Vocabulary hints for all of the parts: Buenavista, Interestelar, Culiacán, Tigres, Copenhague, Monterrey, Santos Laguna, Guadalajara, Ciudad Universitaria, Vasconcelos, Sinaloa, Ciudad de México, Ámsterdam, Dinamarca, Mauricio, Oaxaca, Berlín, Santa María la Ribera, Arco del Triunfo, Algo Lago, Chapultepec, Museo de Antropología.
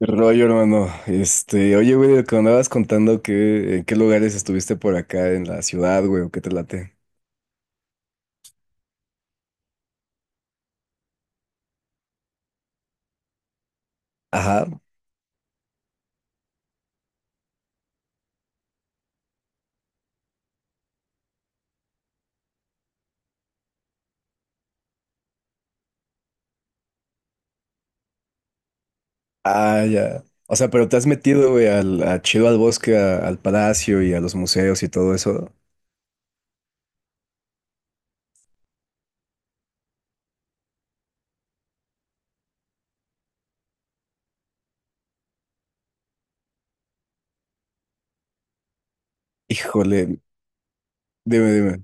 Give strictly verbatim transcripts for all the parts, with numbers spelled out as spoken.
¿Qué rollo, hermano? Este, oye, güey, de lo que me andabas contando que en qué lugares estuviste por acá en la ciudad, güey, o qué te late. Ajá. Ah, ya. O sea, pero te has metido, güey, al, a chido al bosque, a- al palacio y a los museos y todo eso. Híjole, dime, dime.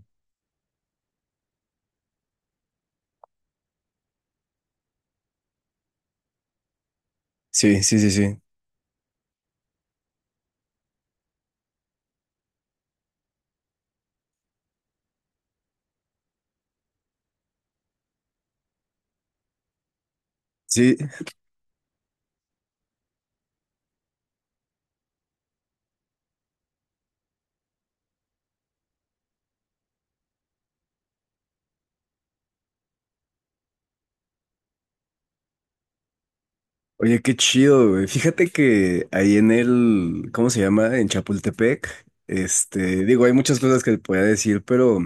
Sí, sí, sí, sí. Sí. Oye, qué chido, güey. Fíjate que ahí en el, ¿cómo se llama? En Chapultepec. Este, digo, hay muchas cosas que te podía decir, pero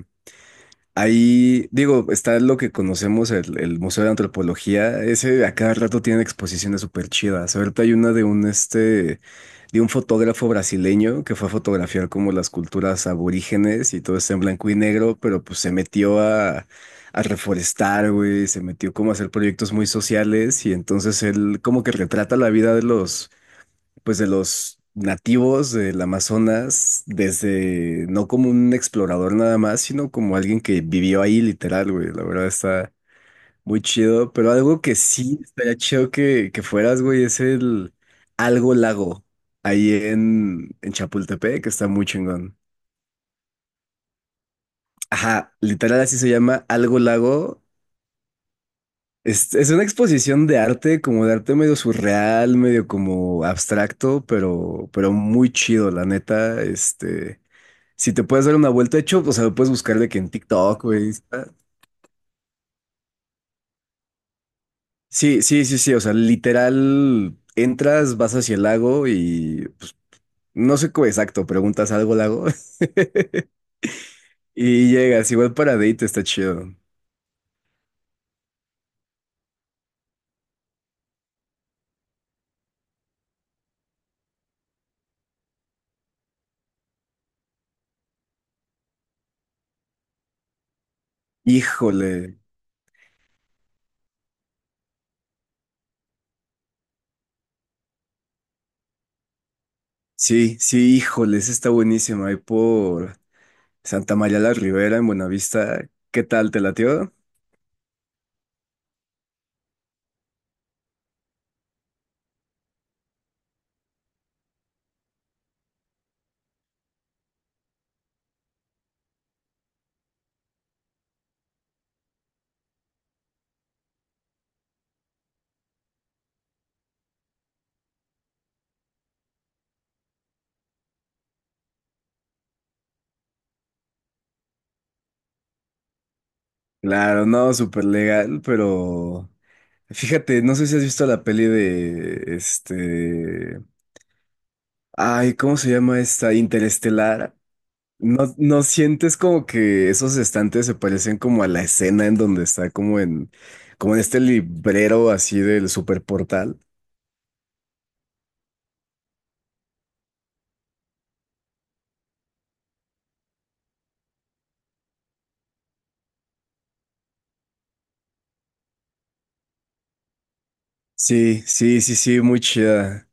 ahí, digo, está lo que conocemos, el, el Museo de Antropología. Ese a cada rato tiene exposiciones súper chidas. Ahorita hay una de un, este, de un fotógrafo brasileño que fue a fotografiar como las culturas aborígenes y todo está en blanco y negro, pero pues se metió a, a reforestar, güey, se metió como a hacer proyectos muy sociales y entonces él como que retrata la vida de los pues de los nativos del Amazonas, desde no como un explorador nada más, sino como alguien que vivió ahí literal, güey. La verdad está muy chido, pero algo que sí estaría chido que, que fueras, güey, es el Algo Lago, ahí en, en Chapultepec, que está muy chingón. Ajá, literal así se llama Algo Lago. Es, es una exposición de arte, como de arte medio surreal, medio como abstracto, pero, pero muy chido, la neta. Este, Si te puedes dar una vuelta, de hecho, o sea, lo puedes buscar de que en TikTok, güey. Está- sí, sí, sí, sí, o sea, literal, entras, vas hacia el lago y no sé cómo exacto, preguntas algo al lago y llegas, igual para date está chido. Híjole, sí, sí, híjole, esa está buenísima, ahí por Santa María la Ribera, en Buenavista, ¿qué tal, te latió? Claro, no, súper legal, pero fíjate, no sé si has visto la peli de este... Ay, ¿cómo se llama esta? Interestelar. ¿No, no sientes como que esos estantes se parecen como a la escena en donde está como en, como en este librero así del superportal? Sí, sí, sí, sí, muy chida.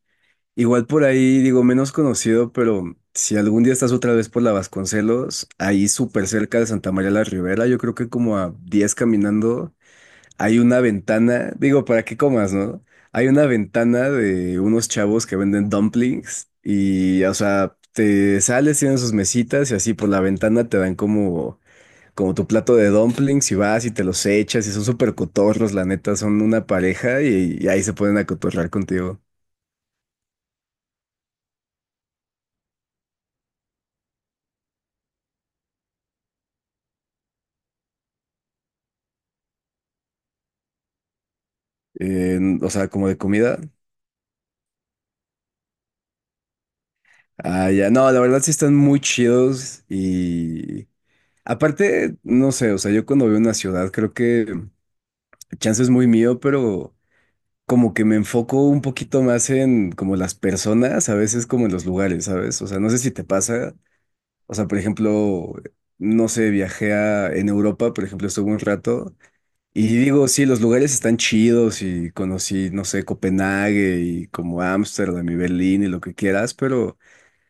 Igual por ahí, digo, menos conocido, pero si algún día estás otra vez por la Vasconcelos, ahí súper cerca de Santa María la Ribera, yo creo que como a diez caminando. Hay una ventana, digo, para que comas, ¿no? Hay una ventana de unos chavos que venden dumplings y, o sea, te sales, tienen sus mesitas y así por la ventana te dan como, como tu plato de dumplings y vas y te los echas y son súper cotorros, la neta, son una pareja y, y ahí se pueden acotorrar contigo. Eh, o sea, como de comida. Ah, ya, no, la verdad sí están muy chidos y... Aparte, no sé, o sea, yo cuando veo una ciudad creo que chance es muy mío, pero como que me enfoco un poquito más en como las personas, a veces como en los lugares, ¿sabes? O sea, no sé si te pasa. O sea, por ejemplo, no sé, viajé a, en Europa, por ejemplo, estuve un rato y digo, sí, los lugares están chidos y conocí, no sé, Copenhague y como Ámsterdam y Berlín y lo que quieras, pero,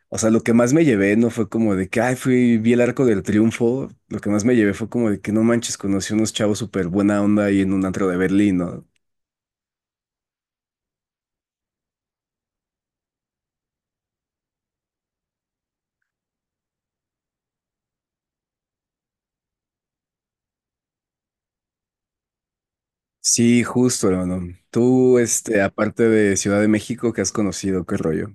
o sea, lo que más me llevé no fue como de que, ay, fui, vi el Arco del Triunfo, lo que más me llevé fue como de que no manches, conocí unos chavos súper buena onda ahí en un antro de Berlín, ¿no? Sí, justo, hermano. Tú, este, aparte de Ciudad de México, ¿que has conocido? ¿Qué rollo?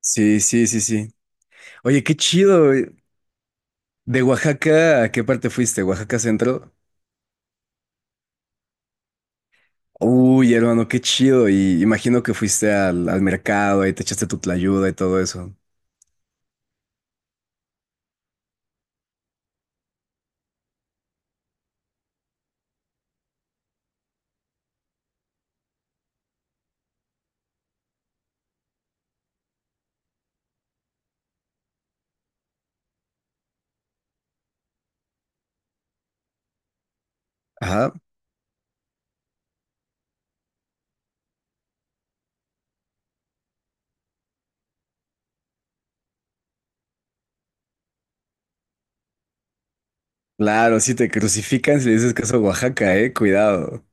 Sí, sí, sí, sí. Oye, qué chido. eh, ¿De Oaxaca a qué parte fuiste? ¿Oaxaca Centro? Uy, hermano, qué chido. Y imagino que fuiste al, al mercado, ahí te echaste tu tlayuda y todo eso. Ajá. Claro, si te crucifican si le dices que es a Oaxaca, eh, cuidado.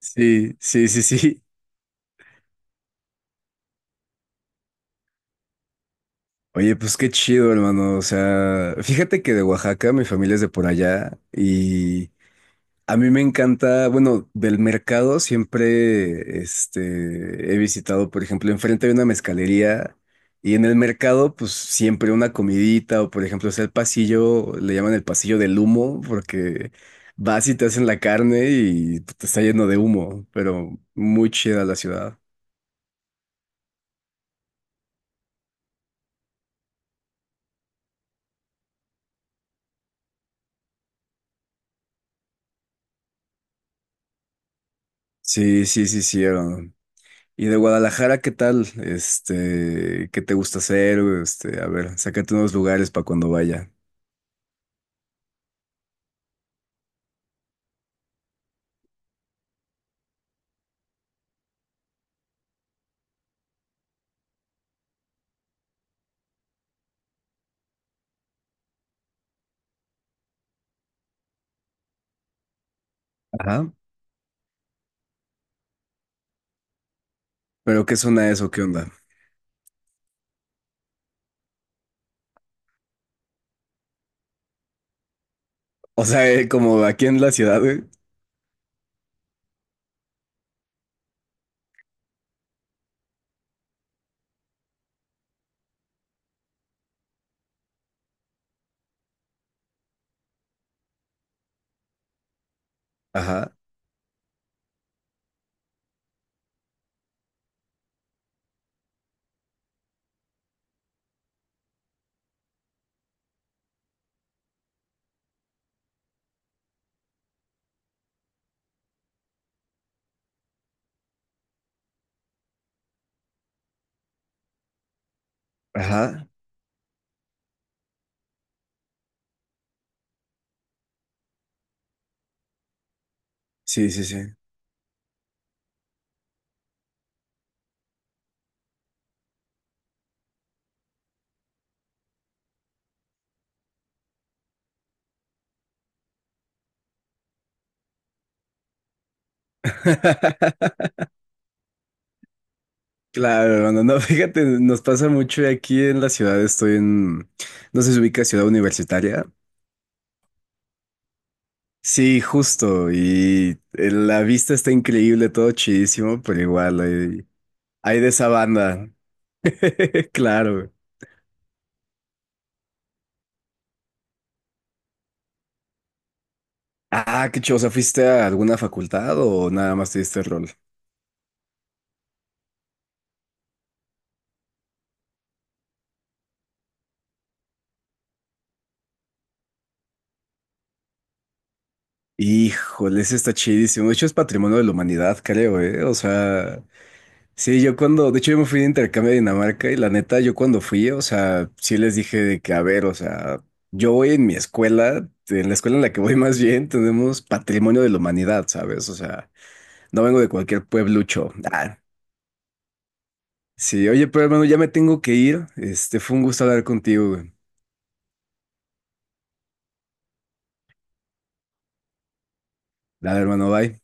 Sí, sí, sí, sí. Oye, pues qué chido, hermano. O sea, fíjate que de Oaxaca, mi familia es de por allá. Y a mí me encanta, bueno, del mercado siempre este, he visitado, por ejemplo, enfrente hay una mezcalería y en el mercado, pues siempre una comidita o, por ejemplo, es el pasillo, le llaman el pasillo del humo porque vas y te hacen la carne y te está lleno de humo, pero muy chida la ciudad. Sí, sí, sí, sí, hermano. Y de Guadalajara, ¿qué tal? Este, ¿qué te gusta hacer? Este, a ver, sácate unos lugares para cuando vaya. Ajá. ¿Pero qué zona es o qué onda? O sea, eh, como aquí en la ciudad, güey. Ajá. Ajá. Sí, sí, sí. Claro, hermano. No, fíjate, nos pasa mucho aquí en la ciudad. Estoy en, no sé si ubica Ciudad Universitaria. Sí, justo. Y eh, la vista está increíble, todo chidísimo, pero igual hay, hay de esa banda. Claro. Ah, qué chido. O sea, ¿fuiste a alguna facultad o nada más te diste el rol? Híjole, ese está chidísimo. De hecho, es patrimonio de la humanidad, creo, ¿eh? O sea. Sí, yo cuando, de hecho yo me fui de intercambio a Dinamarca y la neta, yo cuando fui, o sea, sí les dije de que, a ver, o sea, yo voy en mi escuela, en la escuela en la que voy más bien, tenemos patrimonio de la humanidad, ¿sabes? O sea, no vengo de cualquier pueblucho. Ah, sí, oye, pero hermano, ya me tengo que ir. Este, fue un gusto hablar contigo, güey. Dale, hermano, bye.